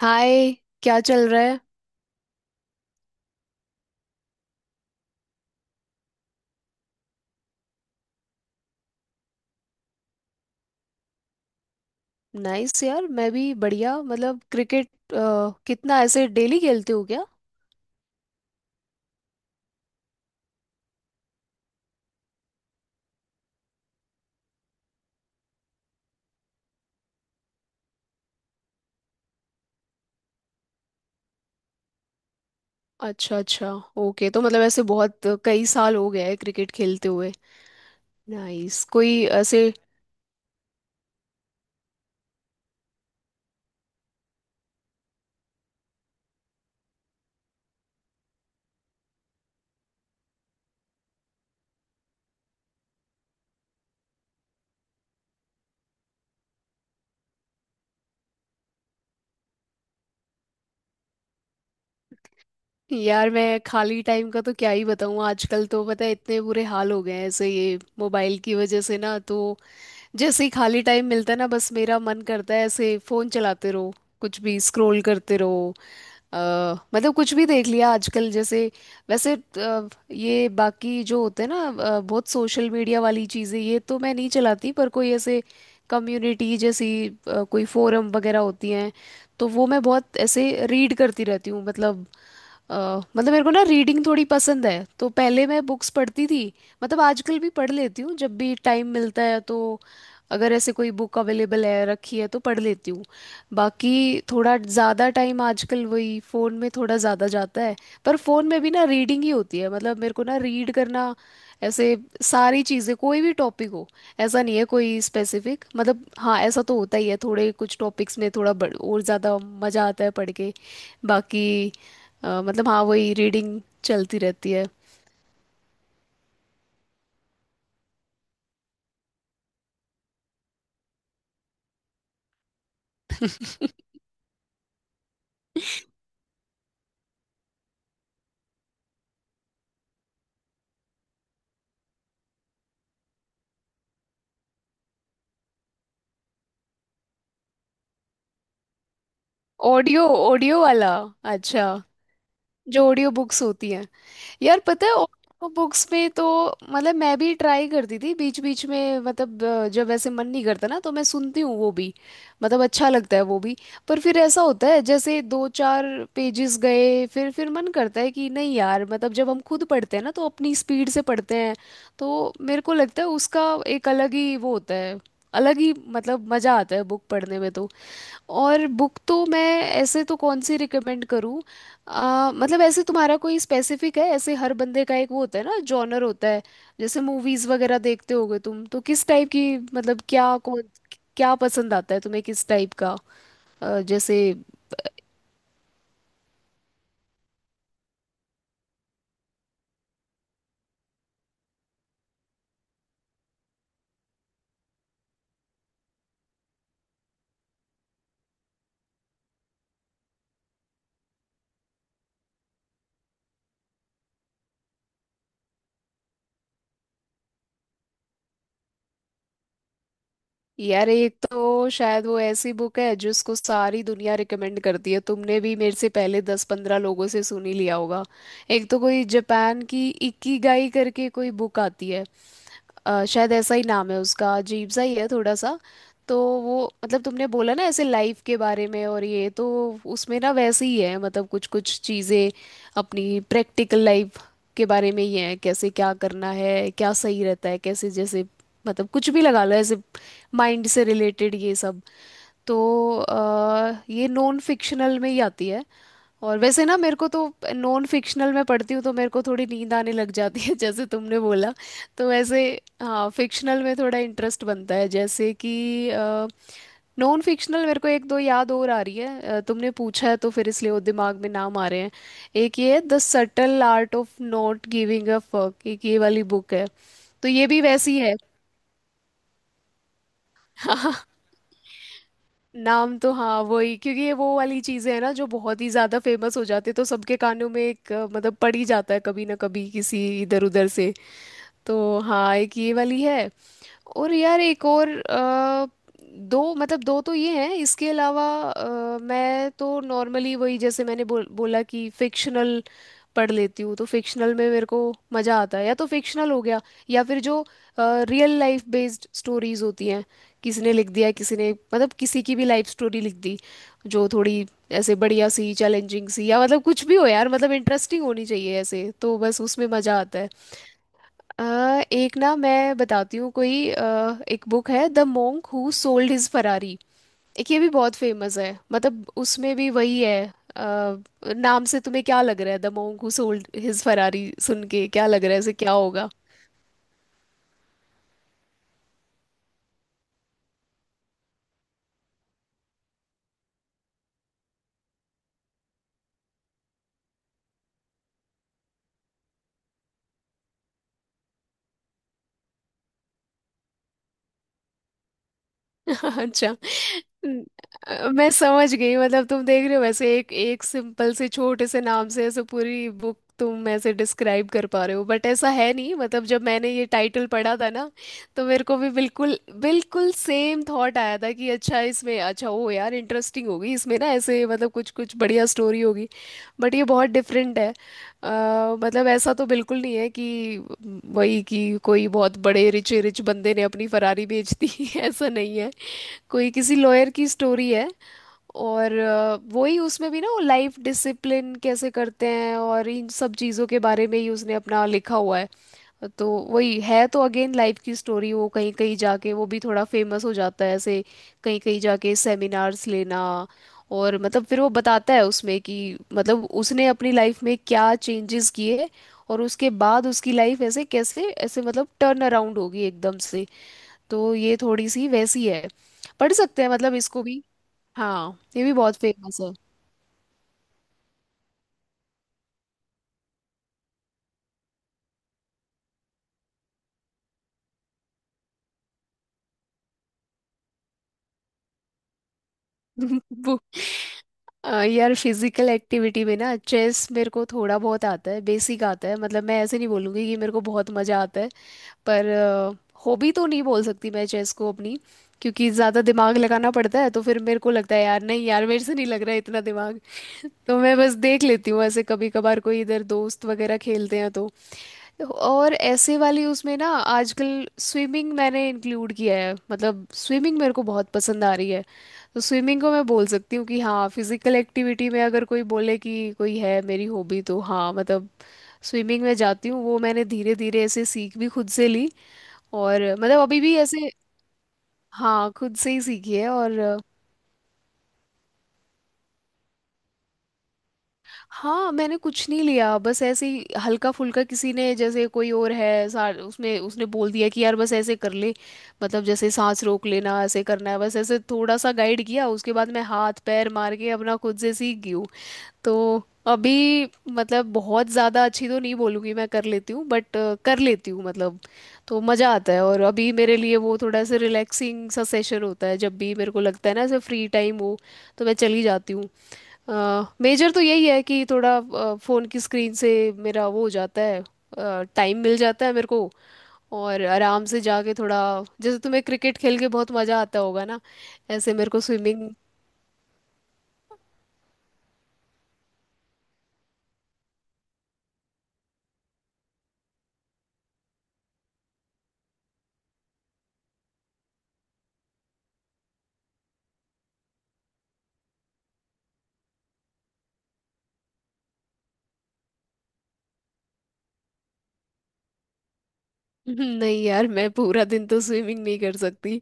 हाय। क्या चल रहा है। नाइस यार, मैं भी बढ़िया। मतलब क्रिकेट कितना ऐसे डेली खेलते हो क्या। अच्छा अच्छा। ओके, तो मतलब ऐसे बहुत कई साल हो गए हैं क्रिकेट खेलते हुए। नाइस। कोई ऐसे। यार मैं खाली टाइम का तो क्या ही बताऊँ, आजकल तो पता है इतने बुरे हाल हो गए हैं, ऐसे ये मोबाइल की वजह से ना, तो जैसे ही खाली टाइम मिलता है ना, बस मेरा मन करता है ऐसे फोन चलाते रहो, कुछ भी स्क्रॉल करते रहो। अ, मतलब कुछ भी देख लिया आजकल जैसे। वैसे ये बाकी जो होते हैं ना, बहुत सोशल मीडिया वाली चीज़ें, ये तो मैं नहीं चलाती। पर कोई ऐसे कम्युनिटी जैसी कोई फोरम वगैरह होती हैं, तो वो मैं बहुत ऐसे रीड करती रहती हूँ। मतलब अ, मतलब मेरे को ना रीडिंग थोड़ी पसंद है, तो पहले मैं बुक्स पढ़ती थी। मतलब आजकल भी पढ़ लेती हूँ जब भी टाइम मिलता है, तो अगर ऐसे कोई बुक अवेलेबल है रखी है तो पढ़ लेती हूँ। बाकी थोड़ा ज़्यादा टाइम आजकल वही फ़ोन में थोड़ा ज़्यादा जाता है। पर फ़ोन में भी ना रीडिंग ही होती है। मतलब मेरे को ना रीड करना, ऐसे सारी चीज़ें, कोई भी टॉपिक हो। ऐसा नहीं है कोई स्पेसिफिक, मतलब हाँ ऐसा तो होता ही है, थोड़े कुछ टॉपिक्स में थोड़ा और ज़्यादा मज़ा आता है पढ़ के। बाकी मतलब हाँ वही रीडिंग चलती रहती है। ऑडियो ऑडियो वाला? अच्छा। जो ऑडियो बुक्स होती हैं। यार पता है ऑडियो बुक्स में तो मतलब मैं भी ट्राई करती थी बीच बीच में। मतलब जब ऐसे मन नहीं करता ना, तो मैं सुनती हूँ वो भी। मतलब अच्छा लगता है वो भी। पर फिर ऐसा होता है जैसे 2-4 पेजेस गए, फिर मन करता है कि नहीं यार, मतलब जब हम खुद पढ़ते हैं ना तो अपनी स्पीड से पढ़ते हैं। तो मेरे को लगता है उसका एक अलग ही वो होता है, अलग ही मतलब मज़ा आता है बुक पढ़ने में। तो और बुक तो मैं ऐसे तो कौन सी रिकमेंड करूँ? मतलब ऐसे तुम्हारा कोई स्पेसिफिक है? ऐसे हर बंदे का एक वो होता है ना, जॉनर होता है। जैसे मूवीज वगैरह देखते होगे तुम, तो किस टाइप की, मतलब क्या कौन क्या पसंद आता है तुम्हें, किस टाइप का जैसे। यार एक तो शायद वो ऐसी बुक है जिसको सारी दुनिया रिकमेंड करती है, तुमने भी मेरे से पहले 10-15 लोगों से सुन ही लिया होगा। एक तो कोई जापान की इकिगाई करके कोई बुक आती है। शायद ऐसा ही नाम है उसका, अजीब सा ही है थोड़ा सा। तो वो, मतलब तुमने बोला ना ऐसे लाइफ के बारे में, और ये तो उसमें ना वैसे ही है। मतलब कुछ कुछ चीज़ें अपनी प्रैक्टिकल लाइफ के बारे में ही है, कैसे क्या करना है, क्या सही रहता है, कैसे जैसे, मतलब कुछ भी लगा लो, ऐसे माइंड से रिलेटेड ये सब। तो अ, ये नॉन फिक्शनल में ही आती है। और वैसे ना मेरे को तो नॉन फिक्शनल में पढ़ती हूँ तो मेरे को थोड़ी नींद आने लग जाती है जैसे तुमने बोला। तो वैसे हाँ फिक्शनल में थोड़ा इंटरेस्ट बनता है, जैसे कि नॉन फिक्शनल मेरे को एक दो याद और आ रही है, तुमने पूछा है तो फिर इसलिए वो दिमाग में नाम आ रहे हैं। एक ये the subtle art of not giving a fuck, एक ये वाली बुक है। तो ये भी वैसी है। नाम तो हाँ वही, क्योंकि ये वो वाली चीजें हैं ना जो बहुत ही ज्यादा फेमस हो जाती है, तो सबके कानों में एक मतलब पड़ ही जाता है कभी ना कभी किसी इधर उधर से। तो हाँ एक ये वाली है। और यार एक और दो, मतलब दो तो ये हैं। इसके अलावा मैं तो नॉर्मली वही, जैसे मैंने बोला कि फिक्शनल पढ़ लेती हूँ, तो फिक्शनल में मेरे को मज़ा आता है। या तो फिक्शनल हो गया, या फिर जो रियल लाइफ बेस्ड स्टोरीज होती हैं, किसी ने लिख दिया, किसी ने मतलब किसी की भी लाइफ स्टोरी लिख दी, जो थोड़ी ऐसे बढ़िया सी, चैलेंजिंग सी, या मतलब कुछ भी हो यार, मतलब इंटरेस्टिंग होनी चाहिए ऐसे, तो बस उसमें मजा आता है। अ, एक ना मैं बताती हूँ, कोई एक बुक है the monk who sold his Ferrari. एक ये भी बहुत फेमस है, मतलब उसमें भी वही है। अ, नाम से तुम्हें क्या लग रहा है? The monk who sold his Ferrari सुन के क्या लग रहा है, ऐसे क्या होगा? अच्छा। न- मैं समझ गई, मतलब तुम देख रहे हो, वैसे एक एक सिंपल से छोटे से नाम से ऐसे पूरी बुक तुम ऐसे डिस्क्राइब कर पा रहे हो। बट ऐसा है नहीं। मतलब जब मैंने ये टाइटल पढ़ा था ना, तो मेरे को भी बिल्कुल बिल्कुल सेम थॉट आया था कि अच्छा इसमें, अच्छा ओ यार इंटरेस्टिंग होगी इसमें ना, ऐसे मतलब कुछ कुछ बढ़िया स्टोरी होगी। बट ये बहुत डिफरेंट है। मतलब ऐसा तो बिल्कुल नहीं है कि वही कि कोई बहुत बड़े रिच रिच बंदे ने अपनी फरारी बेच दी। ऐसा नहीं है। कोई किसी लॉयर की स्टोरी है। और वही उसमें भी ना वो लाइफ डिसिप्लिन कैसे करते हैं और इन सब चीज़ों के बारे में ही उसने अपना लिखा हुआ है। तो वही है, तो अगेन लाइफ की स्टोरी, वो कहीं कहीं जाके वो भी थोड़ा फेमस हो जाता है ऐसे, कहीं कहीं जाके सेमिनार्स लेना। और मतलब फिर वो बताता है उसमें कि मतलब उसने अपनी लाइफ में क्या चेंजेस किए, और उसके बाद उसकी लाइफ ऐसे कैसे, ऐसे मतलब टर्न अराउंड होगी एकदम से। तो ये थोड़ी सी वैसी है, पढ़ सकते हैं मतलब इसको भी। हाँ ये भी बहुत फेमस है। बुक। यार फिजिकल एक्टिविटी में ना चेस मेरे को थोड़ा बहुत आता है, बेसिक आता है। मतलब मैं ऐसे नहीं बोलूँगी कि मेरे को बहुत मज़ा आता है। पर हॉबी तो नहीं बोल सकती मैं चेस को अपनी, क्योंकि ज़्यादा दिमाग लगाना पड़ता है, तो फिर मेरे को लगता है यार नहीं यार मेरे से नहीं लग रहा है इतना दिमाग। तो मैं बस देख लेती हूँ ऐसे कभी कभार, कोई इधर दोस्त वगैरह खेलते हैं तो। और ऐसे वाली उसमें ना, आजकल स्विमिंग मैंने इंक्लूड किया है। मतलब स्विमिंग मेरे को बहुत पसंद आ रही है, तो स्विमिंग को मैं बोल सकती हूँ कि हाँ फिजिकल एक्टिविटी में अगर कोई बोले कि कोई है मेरी हॉबी, तो हाँ मतलब स्विमिंग में जाती हूँ। वो मैंने धीरे धीरे ऐसे सीख भी खुद से ली, और मतलब अभी भी ऐसे। हाँ खुद से ही सीखी है। और हाँ मैंने कुछ नहीं लिया, बस ऐसे ही हल्का फुल्का, किसी ने जैसे कोई और है सार उसमें, उसने बोल दिया कि यार बस ऐसे कर ले। मतलब जैसे सांस रोक लेना ऐसे करना है, बस ऐसे थोड़ा सा गाइड किया, उसके बाद मैं हाथ पैर मार के अपना खुद से सीख गई हूँ। तो अभी मतलब बहुत ज़्यादा अच्छी तो नहीं बोलूँगी, मैं कर लेती हूँ, बट कर लेती हूँ मतलब। तो मज़ा आता है, और अभी मेरे लिए वो थोड़ा सा रिलैक्सिंग सा सेशन होता है, जब भी मेरे को लगता है ना ऐसे फ्री टाइम हो तो मैं चली जाती हूँ। मेजर तो यही है कि थोड़ा फ़ोन की स्क्रीन से मेरा वो हो जाता है, टाइम मिल जाता है मेरे को, और आराम से जाके थोड़ा, जैसे तुम्हें क्रिकेट खेल के बहुत मज़ा आता होगा ना, ऐसे मेरे को स्विमिंग। नहीं यार मैं पूरा दिन तो स्विमिंग नहीं कर सकती,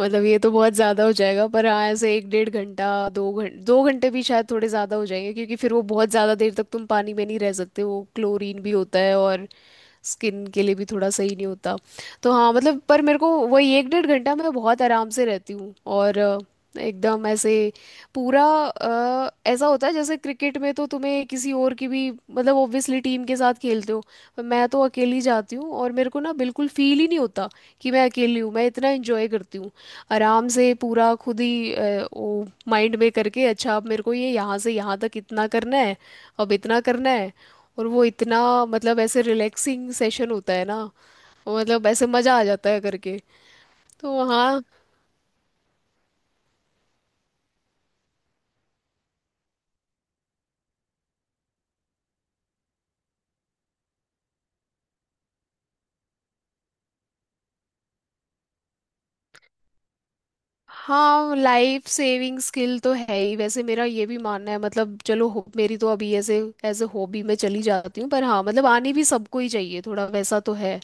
मतलब ये तो बहुत ज्यादा हो जाएगा। पर हाँ ऐसे एक डेढ़ घंटा, 2 घंटे, 2 घंटे भी शायद थोड़े ज्यादा हो जाएंगे, क्योंकि फिर वो बहुत ज्यादा देर तक तुम पानी में नहीं रह सकते, वो क्लोरीन भी होता है, और स्किन के लिए भी थोड़ा सही नहीं होता। तो हाँ मतलब, पर मेरे को वही एक डेढ़ घंटा मैं बहुत आराम से रहती हूँ। और एकदम ऐसे पूरा ऐसा होता है, जैसे क्रिकेट में तो तुम्हें किसी और की भी, मतलब ऑब्वियसली टीम के साथ खेलते हो, पर मैं तो अकेली जाती हूँ और मेरे को ना बिल्कुल फील ही नहीं होता कि मैं अकेली हूँ, मैं इतना एंजॉय करती हूँ। आराम से पूरा खुद ही वो माइंड में करके, अच्छा अब मेरे को ये यहाँ से यहाँ तक इतना करना है, अब इतना करना है, और वो इतना मतलब ऐसे रिलैक्सिंग सेशन होता है ना, मतलब ऐसे मज़ा आ जाता है करके। तो हाँ हाँ, लाइफ सेविंग स्किल तो है ही वैसे, मेरा ये भी मानना है। मतलब चलो मेरी तो अभी ऐसे एज ए हॉबी में चली जाती हूँ, पर हाँ मतलब आनी भी सबको ही चाहिए थोड़ा, वैसा तो है।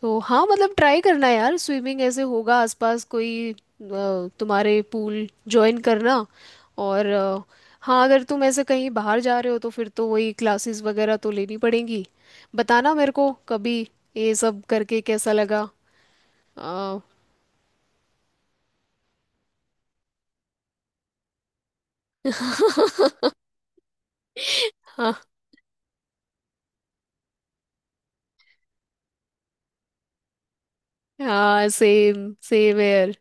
तो हाँ मतलब ट्राई करना यार स्विमिंग, ऐसे होगा आसपास कोई तुम्हारे पूल ज्वाइन करना। और हाँ अगर तुम ऐसे कहीं बाहर जा रहे हो तो फिर तो वही क्लासेस वगैरह तो लेनी पड़ेंगी। बताना मेरे को कभी ये सब करके कैसा लगा। अ, हाँ सेम सेम यार,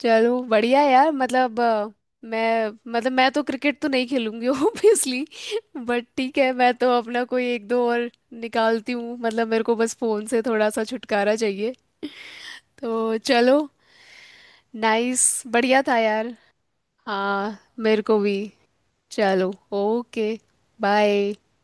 चलो बढ़िया यार। मतलब मैं, मतलब मैं तो क्रिकेट तो नहीं खेलूंगी ऑब्वियसली। बट ठीक है, मैं तो अपना कोई एक दो और निकालती हूँ, मतलब मेरे को बस फोन से थोड़ा सा छुटकारा चाहिए, तो चलो। नाइस, बढ़िया था यार। हाँ मेरे को भी। चलो ओके। बाय।